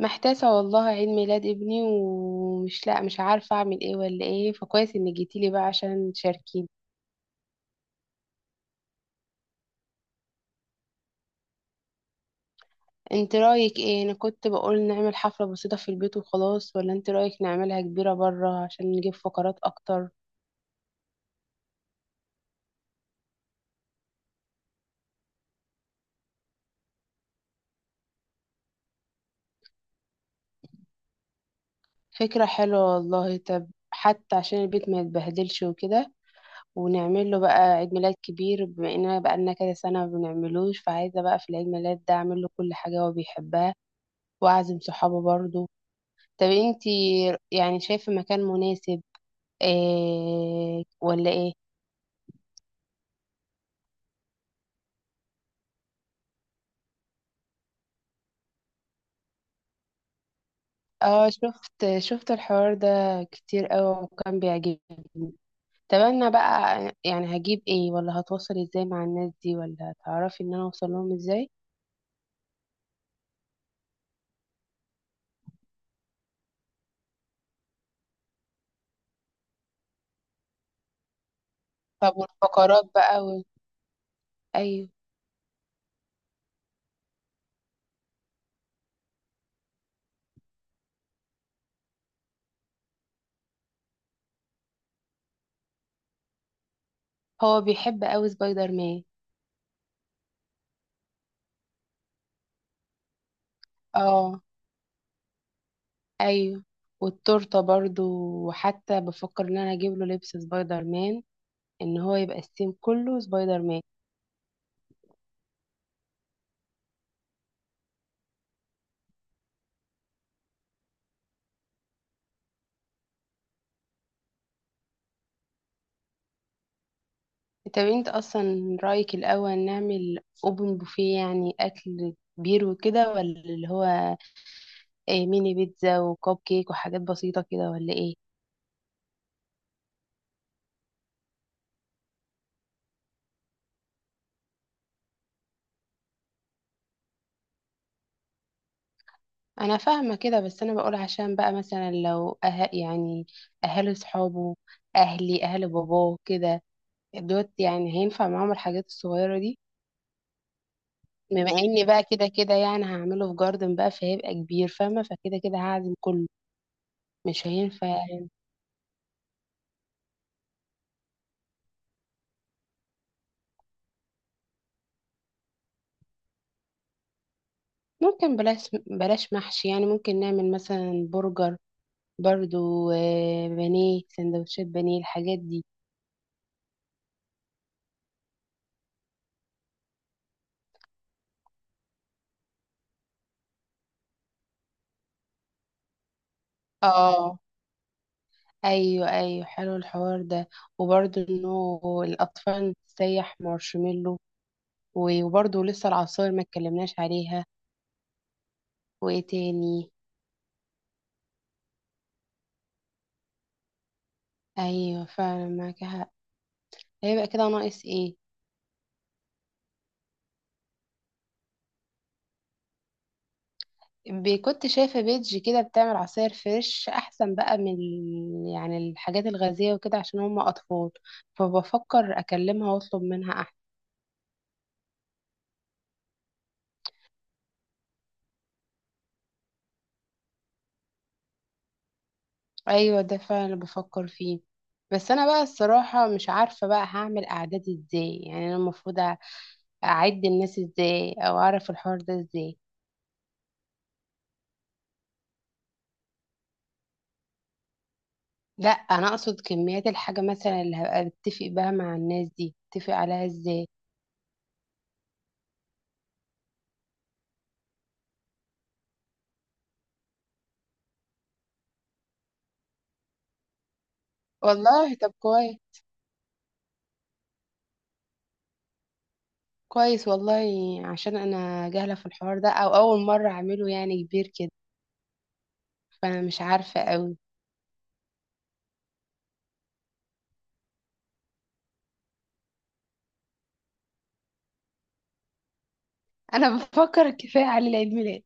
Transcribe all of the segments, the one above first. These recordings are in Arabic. محتاسة والله. عيد ميلاد ابني ومش لا مش عارفة اعمل ايه ولا ايه، فكويس انك جيتيلي بقى عشان تشاركيني. انت رأيك ايه؟ انا كنت بقول نعمل حفلة بسيطة في البيت وخلاص، ولا انت رأيك نعملها كبيرة برا عشان نجيب فقرات اكتر؟ فكرة حلوة والله. طب حتى عشان البيت ما يتبهدلش وكده، ونعمل له بقى عيد ميلاد كبير بما اننا بقالنا كذا سنة ما بنعملوش، فعايزة بقى في العيد ميلاد ده اعمل له كل حاجة هو بيحبها، واعزم صحابه برضه. طب انتي يعني شايفة مكان مناسب إيه ولا ايه؟ اه، شفت الحوار ده كتير قوي وكان بيعجبني. طب انا بقى يعني هجيب ايه؟ ولا هتواصل ازاي مع الناس دي؟ ولا تعرفي ان انا اوصل لهم ازاي؟ طب والفقرات بقى و... ايوه. هو بيحب قوي سبايدر مان. اه، ايوه، والتورته برضو. وحتى بفكر ان انا اجيب له لبس سبايدر مان، ان هو يبقى السيم كله سبايدر مان. طب انت اصلا رأيك الاول نعمل اوبن بوفيه، يعني اكل كبير وكده، ولا اللي هو ايه، ميني بيتزا وكوب كيك وحاجات بسيطة كده، ولا ايه؟ انا فاهمة كده، بس انا بقول عشان بقى مثلا لو أه يعني اهل صحابه، اهلي، اهل باباه كده، دوت يعني هينفع معاهم الحاجات الصغيرة دي؟ بما اني بقى كده كده يعني هعمله في جاردن بقى، فهيبقى كبير، فاهمة؟ فكده كده هعزم كله، مش هينفع. ممكن بلاش محشي، يعني ممكن نعمل مثلا برجر برضو. آه، بانيه، سندوتشات بانيه، الحاجات دي. اه، ايوه ايوه، حلو الحوار ده. وبرضو انه الاطفال تسيح مارشميلو، وبرضو لسه العصاير ما اتكلمناش عليها. وايه تاني؟ ايوه فعلا معاك حق. هيبقى كده ناقص ايه؟ كنت شايفة بيج كده بتعمل عصاير فريش، أحسن بقى من الحاجات الغازية وكده عشان هم أطفال، فبفكر أكلمها وأطلب منها أحسن. أيوة، ده فعلا اللي بفكر فيه. بس أنا بقى الصراحة مش عارفة بقى هعمل أعداد إزاي. يعني أنا المفروض أعد الناس إزاي أو أعرف الحوار ده إزاي؟ لا، أنا أقصد كميات الحاجة مثلا اللي هبقى بتفق بها مع الناس دي، أتفق عليها إزاي؟ والله طب كويس. كويس والله، عشان انا جاهله في الحوار ده، او اول مره اعمله يعني كبير كده، فانا مش عارفه قوي. انا بفكر كفايه على العيد ميلاد،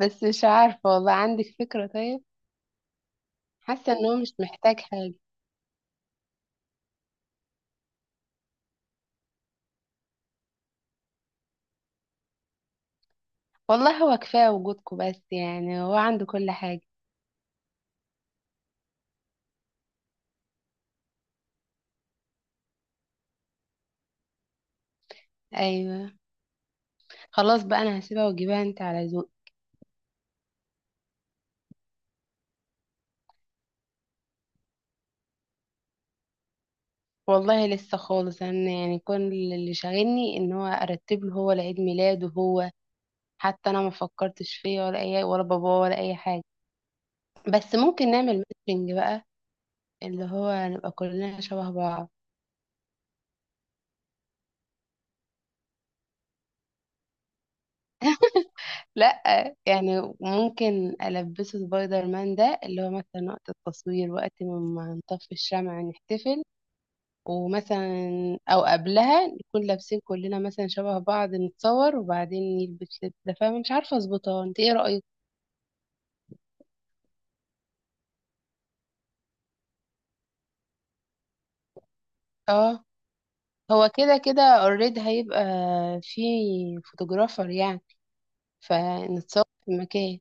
بس مش عارفه والله، عندك فكره طيب؟ حاسه ان هو مش محتاج حاجه. والله هو كفايه وجودكم، بس يعني هو عنده كل حاجه. ايوه، خلاص بقى، انا هسيبها واجيبها انت على ذوق. والله لسه خالص، انا يعني كل اللي شاغلني ان هو ارتب له هو العيد ميلاد وهو، حتى انا ما فكرتش فيه ولا اي، ولا باباه، ولا اي حاجه. بس ممكن نعمل ماتشنج بقى، اللي هو نبقى كلنا شبه بعض. لا، يعني ممكن ألبسه سبايدر مان ده اللي هو مثلا وقت التصوير، وقت ما نطفي الشمع، نحتفل، ومثلا أو قبلها نكون لابسين كلنا مثلا شبه بعض، نتصور، وبعدين يلبس لبس ده، فاهمة؟ مش عارفة أظبطها، أنت إيه رأيك؟ اه، هو كده كده اوريدي هيبقى في فوتوغرافر يعني، فنتصور في مكان.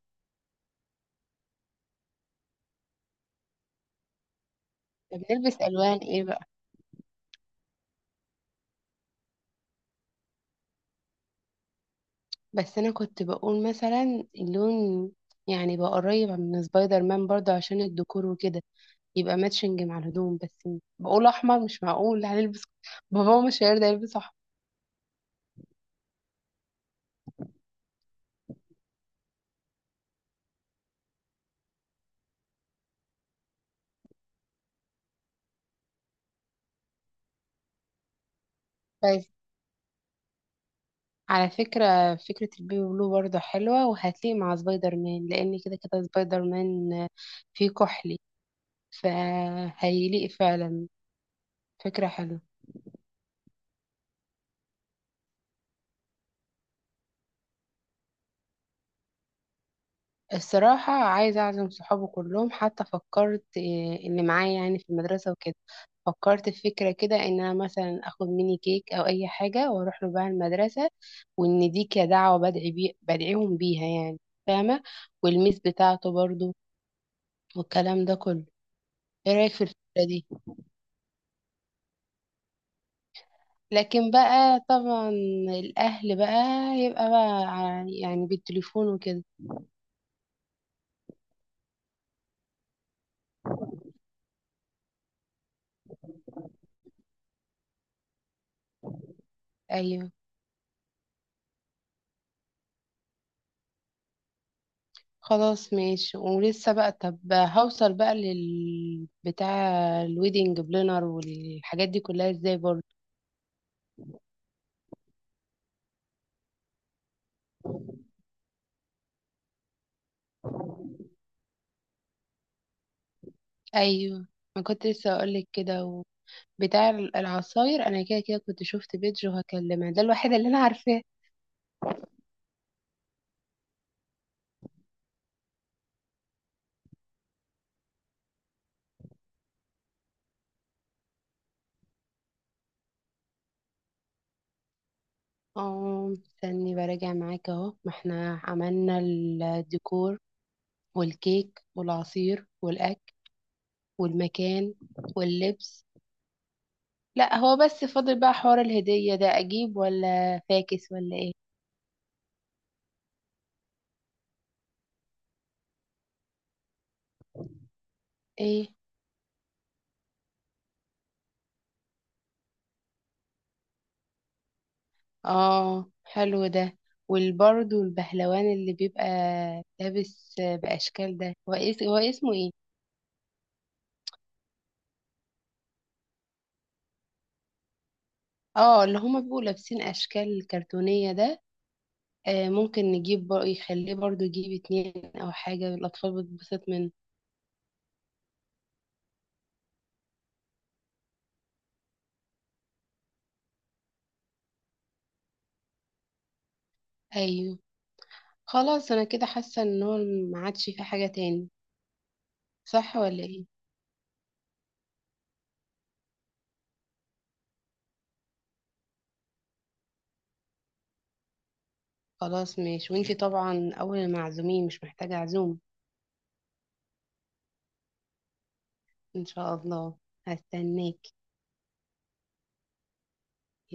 طب نلبس ألوان إيه بقى؟ بس انا كنت بقول مثلا اللون يعني بقى قريب من سبايدر مان برضه عشان الديكور وكده، يبقى ماتشنج مع الهدوم بس. بقول احمر، مش معقول هنلبس بابا مش هيرضى يلبس احمر. بس على فكرة، فكرة البيبي بلو برضه حلوة، وهتليق مع سبايدر مان، لأن كده كده سبايدر مان فيه كحلي، فهيليق فعلا. فكرة حلوة. الصراحة عايزة أعزم صحابي كلهم، حتى فكرت إيه، اللي معايا يعني في المدرسة وكده. فكرت في فكرة كده، إن أنا مثلا آخد ميني كيك أو أي حاجة وأروح له بقى المدرسة، وإن دي كدعوة بدعيهم بيها يعني، فاهمة؟ والميس بتاعته برضو، والكلام ده كله. إيه رأيك في الفكرة دي؟ لكن بقى طبعا الأهل بقى يبقى بقى ع- يعني بالتليفون وكده. أيوه، خلاص ماشي. ولسه بقى، طب هوصل بقى لل بتاع الويدنج بلانر والحاجات دي كلها ازاي برضه؟ ايوه، ما كنت لسه اقولك كده و... بتاع العصاير انا كده كده كنت شفت بيج وهكلمها، ده الوحيد اللي انا عارفاه. اه، استني براجع معاك، اهو ما احنا عملنا الديكور، والكيك، والعصير، والاكل، والمكان، واللبس. لا هو بس فاضل بقى حوار الهدية ده، اجيب ولا فاكس ولا ايه؟ ايه؟ اه حلو ده. والبرضو البهلوان اللي بيبقى لابس بأشكال ده، هو هو اسمه ايه؟ اه اللي هما بيبقوا لابسين أشكال كرتونية ده. آه، ممكن نجيب يخليه برضو يجيب اتنين أو حاجة، الأطفال بتتبسط منه. أيوه، خلاص أنا كده حاسة إن هو ما عادش في حاجة تاني، صح ولا ايه؟ خلاص ماشي، وانتي طبعا أول المعزومين، مش محتاجة عزوم. إن شاء الله، هستناك.